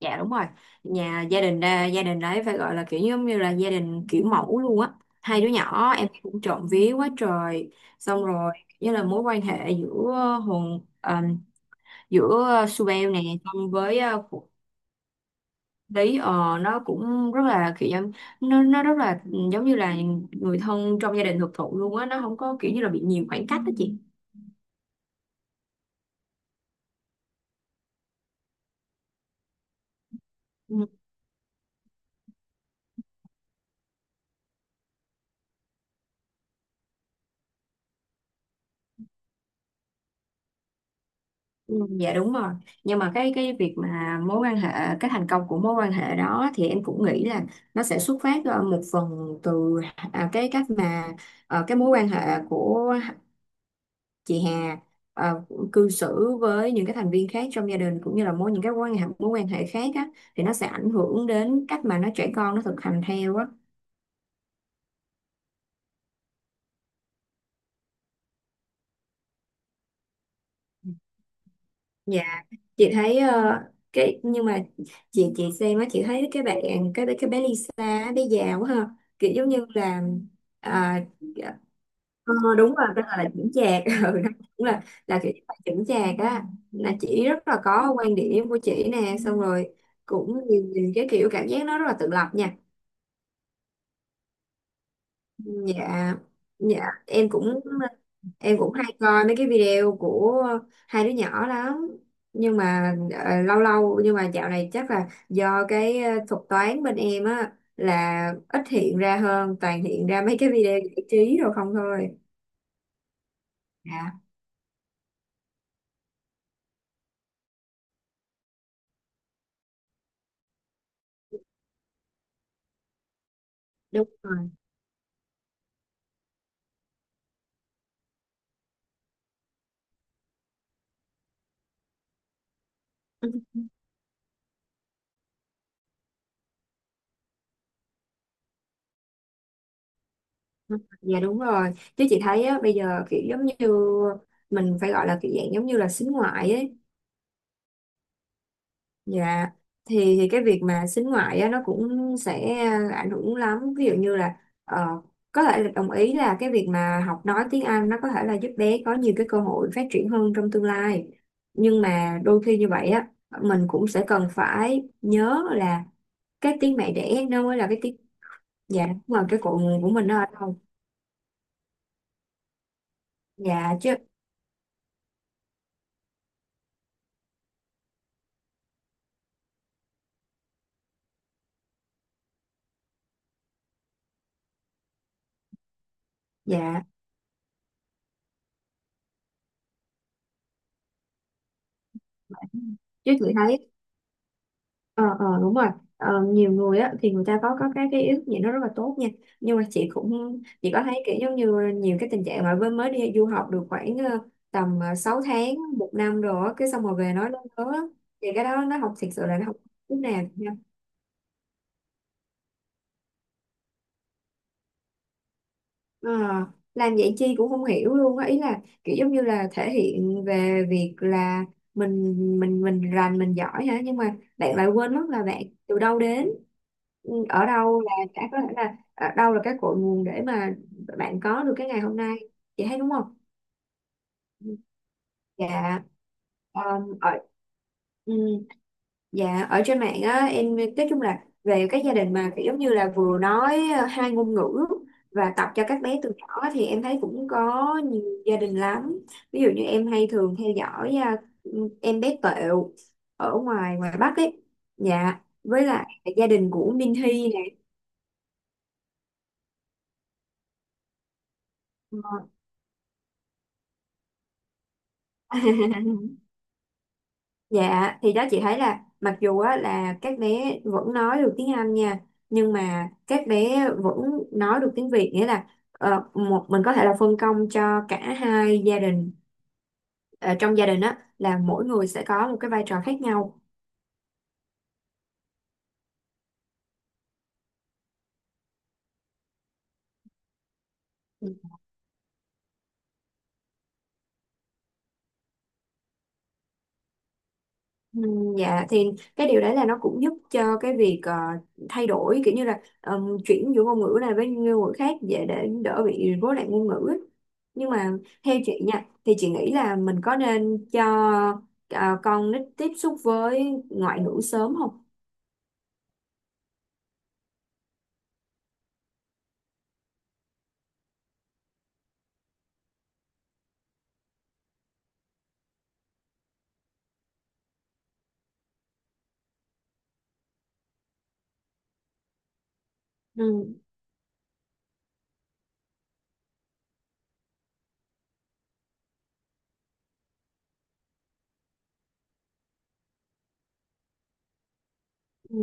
Dạ đúng rồi. Nhà gia đình đấy phải gọi là kiểu giống như là gia đình kiểu mẫu luôn á. Hai đứa nhỏ em cũng trộm vía quá trời. Xong rồi như là mối quan hệ hồn ờm, giữa Subel nè xong với Phú Lý, nó cũng rất là nó rất là giống như là người thân trong gia đình thực thụ luôn á, nó không có kiểu như là bị nhiều khoảng cách đó chị. Ừ. Ừ, dạ đúng rồi. Nhưng mà cái việc mà mối quan hệ, cái thành công của mối quan hệ đó thì em cũng nghĩ là nó sẽ xuất phát một phần từ cái cách mà cái mối quan hệ của chị Hà ờ, cư xử với những cái thành viên khác trong gia đình, cũng như là những cái mối quan hệ khác á, thì nó sẽ ảnh hưởng đến cách mà nó trẻ con nó thực hành theo á. Dạ, chị thấy ờ, cái nhưng mà chị xem á, chị thấy cái bé Lisa á, bé già quá ha. Kiểu giống như là dạ, đúng rồi, tên là chững chạc. Ừ, nó cũng là kiểu như là chững chạc á. Là chị rất là có quan điểm của chị nè, xong rồi cũng nhìn cái kiểu, cảm giác nó rất là tự lập nha. Dạ, dạ em cũng hay coi mấy cái video của hai đứa nhỏ lắm, nhưng mà lâu lâu, nhưng mà dạo này chắc là do cái thuật toán bên em á là ít hiện ra hơn, toàn hiện ra mấy cái video giải trí rồi không thôi. Dạ đúng rồi. Ừ, dạ đúng rồi. Chứ chị thấy á, bây giờ kiểu giống như mình phải gọi là kiểu dạng giống như là xính ngoại ấy. Dạ, thì cái việc mà sính ngoại á, nó cũng sẽ ảnh hưởng lắm. Ví dụ như là ờ, có thể là đồng ý là cái việc mà học nói tiếng Anh nó có thể là giúp bé có nhiều cái cơ hội phát triển hơn trong tương lai, nhưng mà đôi khi như vậy á, mình cũng sẽ cần phải nhớ là cái tiếng mẹ đẻ nó mới là cái tiếng, dạ, mà cái cội nguồn của mình nó ở đâu. Dạ chứ, dạ chị thấy ờ đúng rồi. Nhiều người á thì người ta có cái ý thức gì nó rất là tốt nha, nhưng mà chị có thấy kiểu giống như nhiều cái tình trạng mà mới mới đi du học được khoảng tầm 6 tháng một năm rồi á, cái xong rồi về nói nó lớn á, thì cái đó nó học, thiệt sự là nó học chút nào. Ờ, làm vậy chi cũng không hiểu luôn á, ý là kiểu giống như là thể hiện về việc là mình mình rành mình giỏi hả, nhưng mà bạn lại quên mất là bạn từ đâu đến. Ừ, ở đâu là đã có thể là ở đâu là cái cội nguồn để mà bạn có được cái ngày hôm nay, chị thấy đúng không. Dạ, ở ừm, dạ, ở trên mạng á, em nói chung là về các gia đình mà kiểu giống như là vừa nói hai ngôn ngữ và tập cho các bé từ nhỏ thì em thấy cũng có nhiều gia đình lắm. Ví dụ như em hay thường theo dõi em bé Tẹo ở ngoài ngoài Bắc ấy, dạ, với lại gia đình của Minh Hy này. Dạ thì đó chị thấy là mặc dù á, là các bé vẫn nói được tiếng Anh nha, nhưng mà các bé vẫn nói được tiếng Việt, nghĩa là một mình có thể là phân công cho cả hai gia đình. Ờ, trong gia đình á là mỗi người sẽ có một cái vai trò khác nhau. Ừ, dạ thì cái điều đấy là nó cũng giúp cho cái việc thay đổi kiểu như là chuyển giữa ngôn ngữ này với ngôn ngữ khác dễ, để đỡ bị rối loạn ngôn ngữ ấy. Nhưng mà theo chị nha, thì chị nghĩ là mình có nên cho con nít tiếp xúc với ngoại ngữ sớm không? Ừ. Ừ.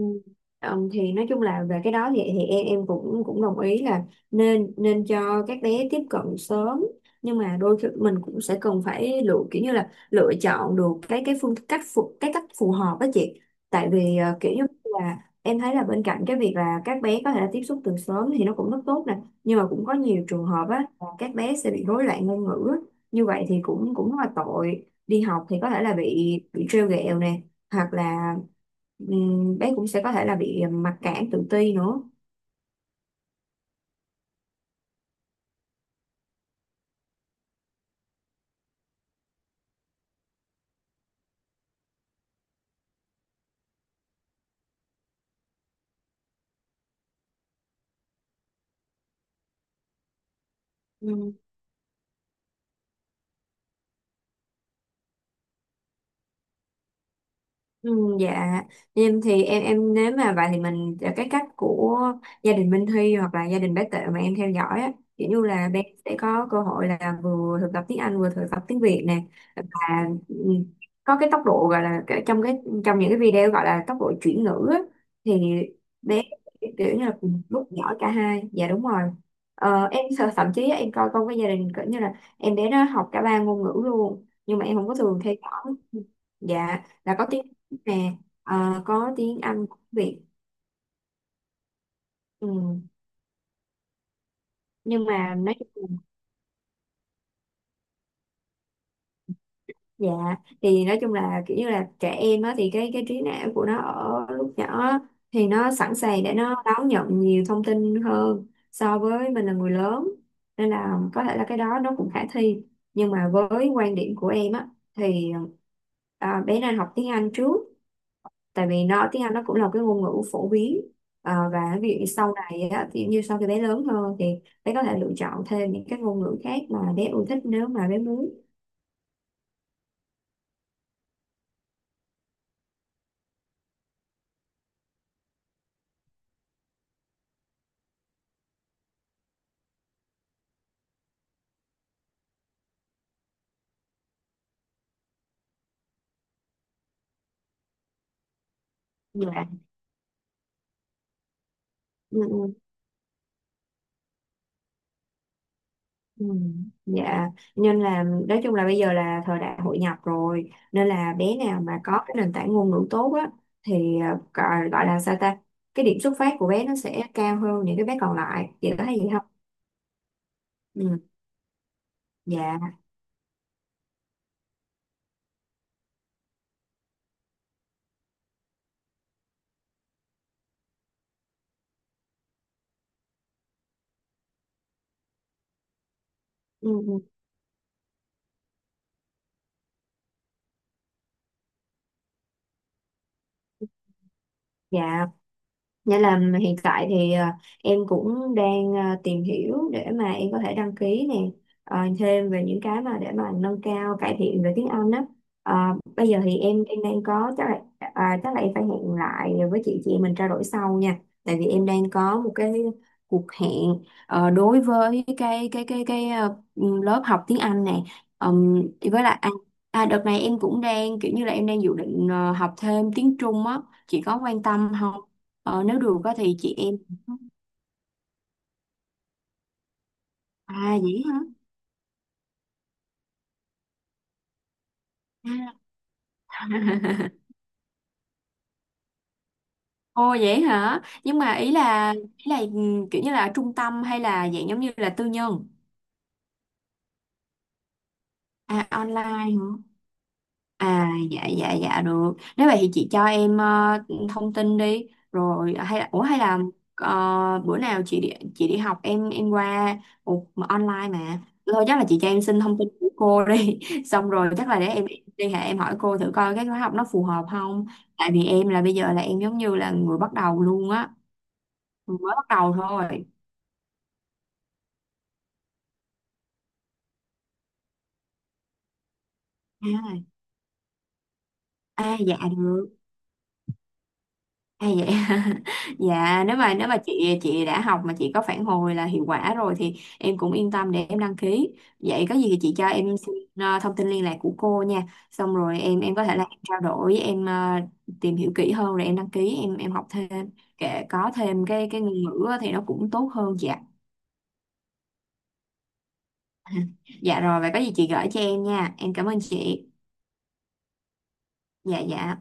Ờ, thì nói chung là về cái đó thì cũng cũng đồng ý là nên nên cho các bé tiếp cận sớm, nhưng mà đôi khi mình cũng sẽ cần phải lựa, kiểu như là lựa chọn được cái phương cách phù, cái cách phù hợp đó chị. Tại vì kiểu như là em thấy là bên cạnh cái việc là các bé có thể là tiếp xúc từ sớm thì nó cũng rất tốt nè, nhưng mà cũng có nhiều trường hợp á là các bé sẽ bị rối loạn ngôn ngữ á. Như vậy thì cũng cũng rất là tội, đi học thì có thể là bị trêu ghẹo nè, hoặc là, ừm, bé cũng sẽ có thể là bị mặc cảm tự ti nữa. Ừ. Ừ, dạ em thì nếu mà vậy thì mình, cái cách của gia đình Minh Huy hoặc là gia đình bé Tệ mà em theo dõi á, kiểu như là bé sẽ có cơ hội là vừa thực tập tiếng Anh vừa thực tập tiếng Việt nè, và có cái tốc độ gọi là trong trong những cái video gọi là tốc độ chuyển ngữ á, thì bé kiểu như là cùng lúc giỏi cả hai. Dạ đúng rồi. Ờ, em sợ thậm chí á, em coi con cái gia đình kiểu như là em bé nó học cả ba ngôn ngữ luôn, nhưng mà em không có thường theo dõi. Dạ là có tiếng nè, có tiếng Anh của Việt. Ừ. Nhưng mà nói chung là, dạ thì nói chung là kiểu như là trẻ em á, thì cái trí não của nó ở lúc nhỏ á, thì nó sẵn sàng để nó đón nhận nhiều thông tin hơn so với mình là người lớn, nên là có thể là cái đó nó cũng khả thi. Nhưng mà với quan điểm của em á, thì bé nên học tiếng Anh trước, tại vì nó, tiếng Anh nó cũng là cái ngôn ngữ phổ biến. Ờ, và ví dụ như sau này á, thì như sau khi bé lớn hơn thì bé có thể lựa chọn thêm những cái ngôn ngữ khác mà bé yêu thích, nếu mà bé muốn. Dạ. Ừ, ừ, ừ. Dạ, nên là nói chung là bây giờ là thời đại hội nhập rồi, nên là bé nào mà có cái nền tảng ngôn ngữ tốt á, thì gọi gọi là sao ta, cái điểm xuất phát của bé nó sẽ cao hơn những cái bé còn lại, chị có thấy gì không. Ừ, dạ. Ừ, ừ, dạ. Nghĩa là hiện tại thì em cũng đang tìm hiểu để mà em có thể đăng ký nè, thêm về những cái mà để mà nâng cao, cải thiện về tiếng Anh á. Ờ, bây giờ thì đang có, chắc là chắc là em phải hẹn lại với chị mình trao đổi sau nha, tại vì em đang có một cái cuộc hẹn đối với cái lớp học tiếng Anh này. Với lại đợt này em cũng đang kiểu như là em đang dự định học thêm tiếng Trung á, chị có quan tâm không. Ờ, nếu được á thì chị em, à vậy hả. À. Ồ vậy hả, nhưng mà ý là kiểu như là ở trung tâm hay là dạng giống như là tư nhân. À, online hả. À dạ dạ dạ, được. Nếu vậy thì chị cho em thông tin đi. Rồi hay là, ủa hay là bữa nào chị đi, học em qua. Ủa, mà online mà. Thôi chắc là chị cho em xin thông tin của cô đi. Xong rồi chắc là để em liên hệ, em hỏi cô thử coi cái khóa học nó phù hợp không. Tại vì em là bây giờ là em giống như là người bắt đầu luôn á. Mới bắt đầu thôi. À, à dạ được. Hay vậy. Dạ, nếu mà chị đã học mà chị có phản hồi là hiệu quả rồi thì em cũng yên tâm để em đăng ký. Vậy có gì thì chị cho em xin thông tin liên lạc của cô nha, xong rồi có thể là em trao đổi, em tìm hiểu kỹ hơn rồi em đăng ký, học thêm kể, có thêm cái ngôn ngữ á thì nó cũng tốt hơn. Dạ. Dạ rồi, vậy có gì chị gửi cho em nha, em cảm ơn chị. Dạ dạ.